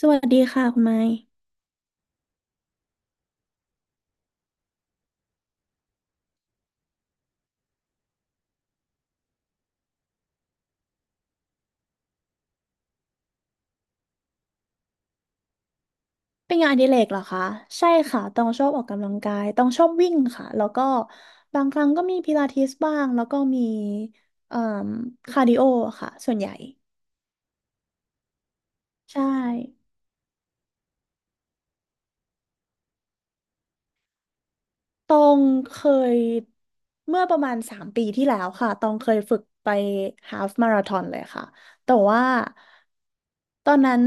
สวัสดีค่ะคุณไม้เป็นงานอดิเรกเหรอคะใช่ค่ะต้องชอบออกกำลังกายต้องชอบวิ่งค่ะแล้วก็บางครั้งก็มีพิลาทิสบ้างแล้วก็มีเอ่อคาร์ดิโอค่ะส่วนใหญ่ใช่ตองเคยเมื่อประมาณ3 ปีที่แล้วค่ะตองเคยฝึกไปฮาล์ฟมาราธอนเลยค่ะแต่ว่าตอนนั้น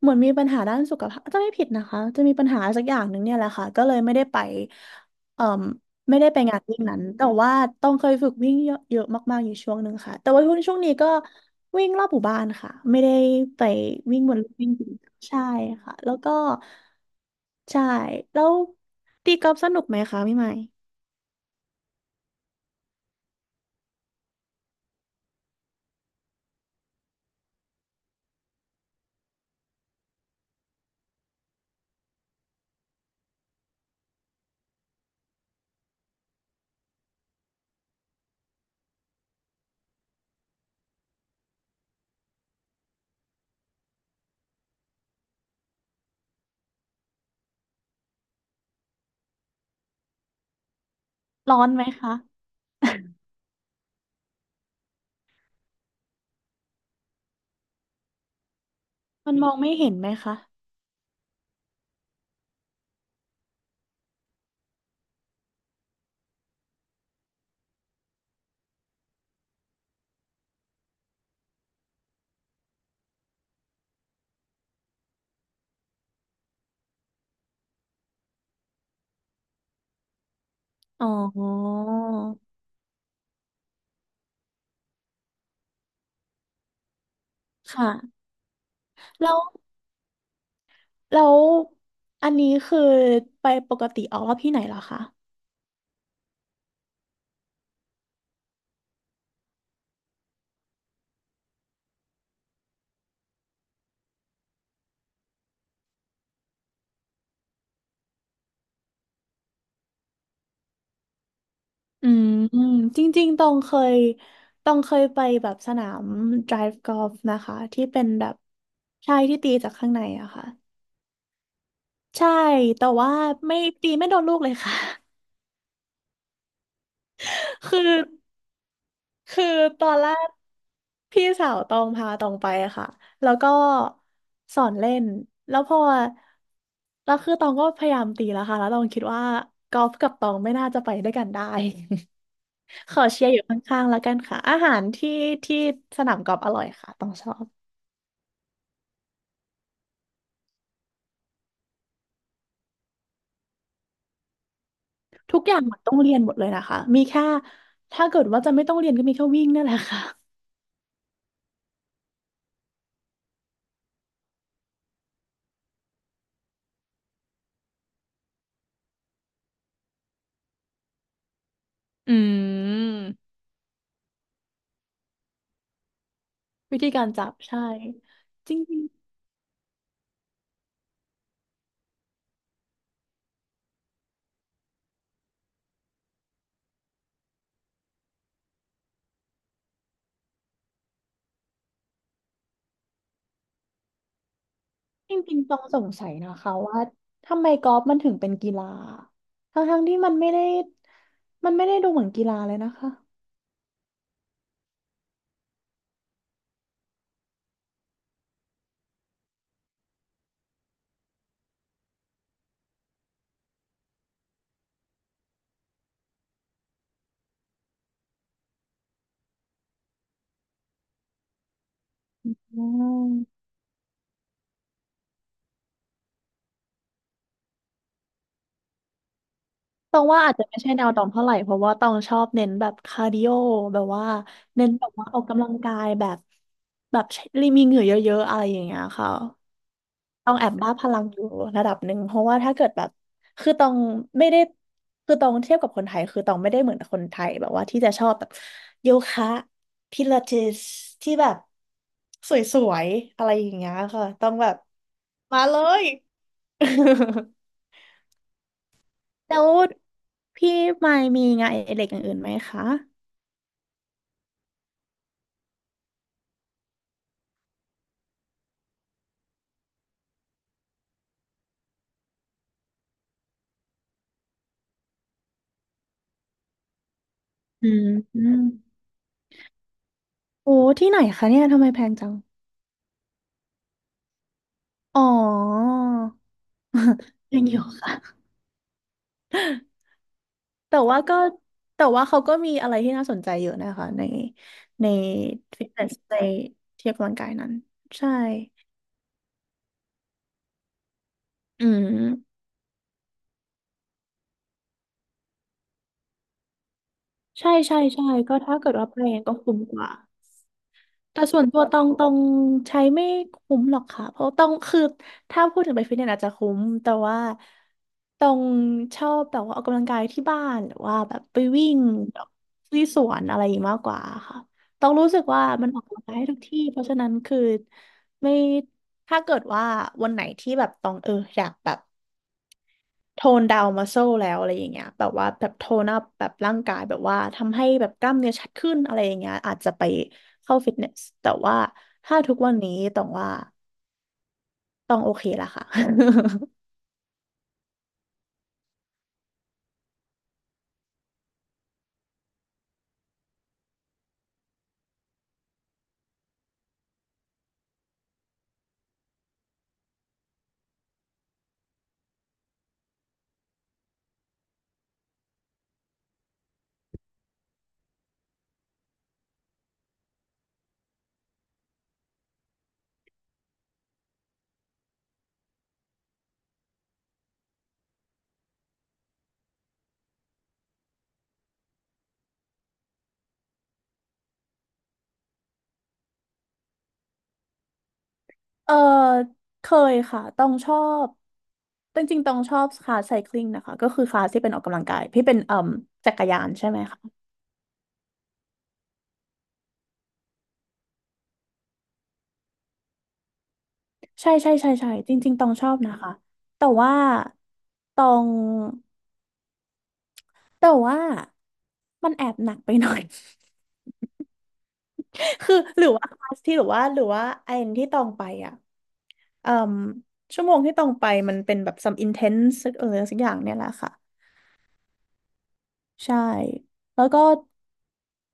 เหมือนมีปัญหาด้านสุขภาพจะไม่ผิดนะคะจะมีปัญหาสักอย่างหนึ่งเนี่ยแหละค่ะก็เลยไม่ได้ไปเอ่อ ไม่ได้ไปงานวิ่งนั้นแต่ว่าต้องเคยฝึกวิ่งเยอะเยอะมากๆอยู่ช่วงหนึ่งค่ะแต่ว่าช่วงนี้ก็วิ่งรอบหมู่บ้านค่ะไม่ได้ไปวิ่งบนลู่วิ่งจริงใช่ค่ะ แล้วก็ใช่แล้วตีกอล์ฟสนุกไหมคะพี่ใหม่ร้อนไหมคะ มันมองไม่เห็นไหมคะอ๋อค่ะแล้วแล้วอันนี้คือไปปกติออกรอบที่ไหนเหรอคะ อืมจริงๆยตองเคยไปแบบสนาม drive golf นะคะที่เป็นแบบใช่ที่ตีจากข้างในอะค่ะใช่แต่ว่าไม่ตีไม่โดนลูกเลยค่ะ คือคือตอนแรกพี่สาวตองพาตองไปอะค่ะแล้วก็สอนเล่นแล้วพอแล้วคือตองก็พยายามตีแล้วค่ะแล้วตองคิดว่ากอล์ฟกับตองไม่น่าจะไปด้วยกันได้ ขอเชียร์อยู่ข้างๆแล้วกันค่ะอาหารที่สนามกอล์ฟอร่อยค่ะต้องชอบทุกอย่างเหมือนต้องเรียนหมดเลยนะคะมีแค่ถ้าเกิดว่าจะไม่ต้องเรียนก็มีแค่วิ่งนั่นแหละค่ะอืมวิธีการจับใช่จริงๆจริงๆต้องสงสัยนะคะว่าทำไมกอล์ฟมันถึงเป็นกีฬาทั้งๆที่มันไม่ได้ดูเหมือนกีฬาเลยนะคะอม ตองว่าอาจจะไม่ใช่แนวตองเท่าไหร่เพราะว่าตองชอบเน้นแบบคาร์ดิโอแบบว่าเน้นแบบว่าออกกำลังกายแบบแบบใช้รีมีเหงื่อเยอะๆอะไรอย่างเงี้ยค่ะต้องแอบบ้าพลังอยู่ระดับหนึ่งเพราะว่าถ้าเกิดแบบคือตองไม่ได้คือตองเทียบกับคนไทยคือตองไม่ได้เหมือนกับคนไทยแบบว่าที่จะชอบแบบโยคะพิลาทิสที่แบบสวยๆอะไรอย่างเงี้ยค่ะต้องแบบมาเลย แล้วพี่มายมีงานอดิเรกอย่างอื่นไหมคะอืมอืมโอ้ที่ไหนคะเนี่ยทำไมแพงจัง อ๋อ ยังอยู่ค่ะแต่ว่าก็แต่ว่าเขาก็มีอะไรที่น่าสนใจเยอะนะคะในในฟิตเนสในที่ออกกำลังกายนั้นใช่ อืมใช่ใช่ใช่ก็ถ้าเกิดว่าไปเองก็คุ้มกว่า แต่ส่วนตัวตองใช้ไม่คุ้มหรอกค่ะเพราะตองคือถ้าพูดถึงไปฟิตเนสอาจจะคุ้มแต่ว่าตองชอบแบบว่าออกกำลังกายที่บ้านหรือว่าแบบไปวิ่งที่สวนอะไรอย่างนี้มากกว่าค่ะตองรู้สึกว่ามันออกกำลังกายให้ทุกที่เพราะฉะนั้นคือไม่ถ้าเกิดว่าวันไหนที่แบบตองเอออยากแบบ โทนดาวมัสเซลแล้วอะไรอย่างเงี้ยแบบว่าแบบโทนอัพแบบร่างกายแบบว่าทำให้แบบกล้ามเนื้อชัดขึ้นอะไรอย่างเงี้ยอาจจะไปเข้าฟิตเนสแต่ว่าถ้าทุกวันนี้ต้องว่าต้องโอเคละค่ะ เออเคยค่ะต้องชอบจริงๆต้องชอบคลาสไซคลิงนะคะก็คือคลาสที่เป็นออกกำลังกายที่เป็นเอ่มจักรยานใช่ไหมคะใช่ใช่ใช่ใช่จริงๆต้องชอบนะคะแต่ว่าต้องแต่ว่ามันแอบหนักไปหน่อย คือหรือว่าคลาสที่หรือว่าหรือว่าไอ้ที่ตองไปอ่ะเอ่มชั่วโมงที่ตองไปมันเป็นแบบ some intense เออสักอย่างเนี่ยแหละค่ะใช่แล้วก็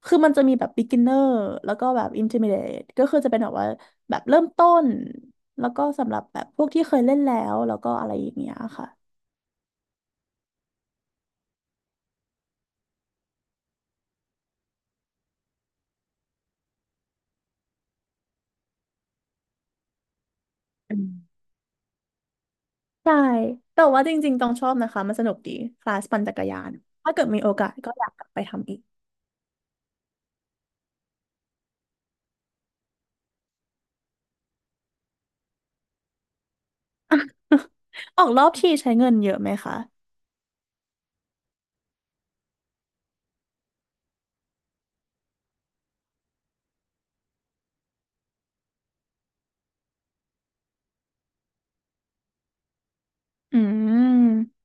คือมันจะมีแบบ beginner แล้วก็แบบ intermediate ก็คือจะเป็นแบบว่าแบบเริ่มต้นแล้วก็สำหรับแบบพวกที่เคยเล่นแล้วแล้วก็อะไรอย่างเงี้ยค่ะอืมใช่แต่ว่าจริงๆต้องชอบนะคะมันสนุกดีคลาสปั่นจักรยานถ้าเกิดมีโอกาสก็อยากกลับไปทำอีก ออกรอบทีใช้เงินเยอะไหมคะ อืม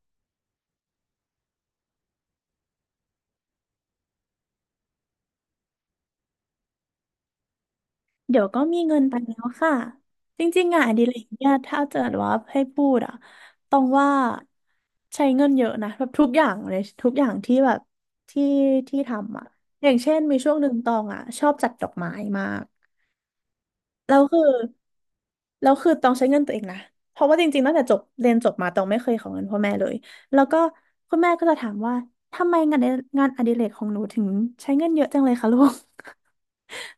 เดี๋ยวก็มีเงินไปแล้วค่ะจริงๆงานอดิเรกเนี่ยถ้าเกิดว่าให้พูดอะต้องว่าใช้เงินเยอะนะแบบทุกอย่างเลยทุกอย่างที่แบบที่ที่ทำอะอย่างเช่นมีช่วงหนึ่งตองอะชอบจัดดอกไม้มากแล้วคือแล้วคือตองใช้เงินตัวเองนะเพราะว่าจริงๆตั้งแต่จบเรียนจบมาตองไม่เคยขอเงินพ่อแม่เลยแล้วก็คุณแม่ก็จะถามว่าทำไมงานในงานอดิเรกของหนูถึงใช้เงินเยอะจังเลยคะลูก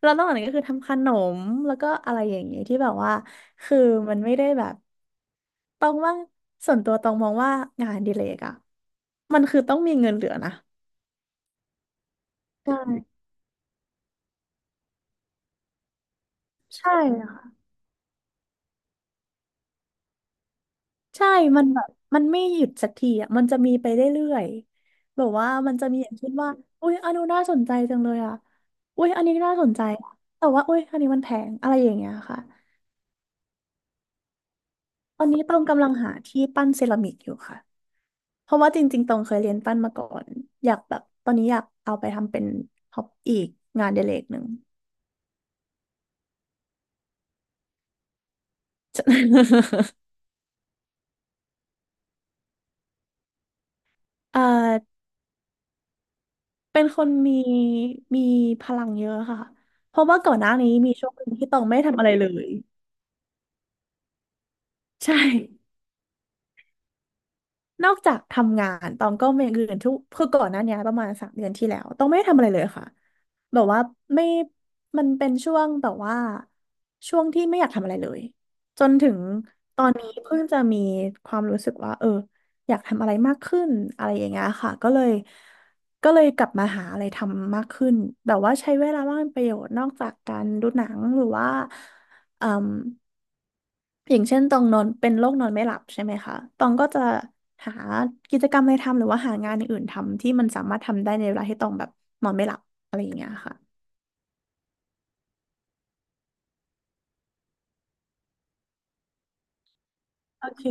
แล้วนอกจากนั้นก็คือทำขนมแล้วก็อะไรอย่างเงี้ยที่แบบว่าคือมันไม่ได้แบบตองว่าส่วนตัวตองมองว่างานอดิเลกอะมันคือต้องมีเงินเหลือนะใช่ใช่ค่ะใช่มันแบบมันไม่หยุดสักทีอ่ะมันจะมีไปเรื่อยๆแบบว่ามันจะมีอย่างเช่นว่าอุ้ยอันนู้นน่าสนใจจังเลยอ่ะอุ้ยอันนี้น่าสนใจอะแต่ว่าอุ้ยอันนี้มันแพงอะไรอย่างเงี้ยค่ะตอนนี้ต้องกำลังหาที่ปั้นเซรามิกอยู่ค่ะ เพราะว่าจริงๆตองเคยเรียนปั้นมาก่อนอยากแบบตอนนี้อยากเอาไปทำเป็นฮอบอีกงานอดิเรกหนึ่ง เอ่อเป็นคนมีมีพลังเยอะค่ะเพราะว่าก่อนหน้านี้มีช่วงหนึ่งที่ตองไม่ทำอะไรเลย ใช่ นอกจากทำงานตองก็มีอย่างอื่นทุกคือก่อนหน้านี้ประมาณ3 เดือนที่แล้วตองไม่ได้ทำอะไรเลยค่ะแบบว่าไม่มันเป็นช่วงแบบว่าช่วงที่ไม่อยากทำอะไรเลยจนถึงตอนนี้เพิ่งจะมีความรู้สึกว่าเอออยากทำอะไรมากขึ้นอะไรอย่างเงี้ยค่ะก็เลยกลับมาหาอะไรทำมากขึ้นแบบว่าใช้เวลาว่างเป็นประโยชน์นอกจากการดูหนังหรือว่าเอ่ม อย่างเช่นตองนอนเป็นโรคนอนไม่หลับใช่ไหมคะตองก็จะหากิจกรรมอะไรทำหรือว่าหางานอย่างอื่นทำที่มันสามารถทำได้ในเวลาที่ตองแบบนอนไม่หลับอะไรอย่างเงี้ยค่ะโอเค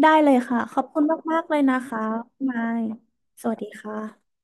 ได้เลยค่ะขอบคุณมากๆเลยนะคะไมายสวัสดีค่ะ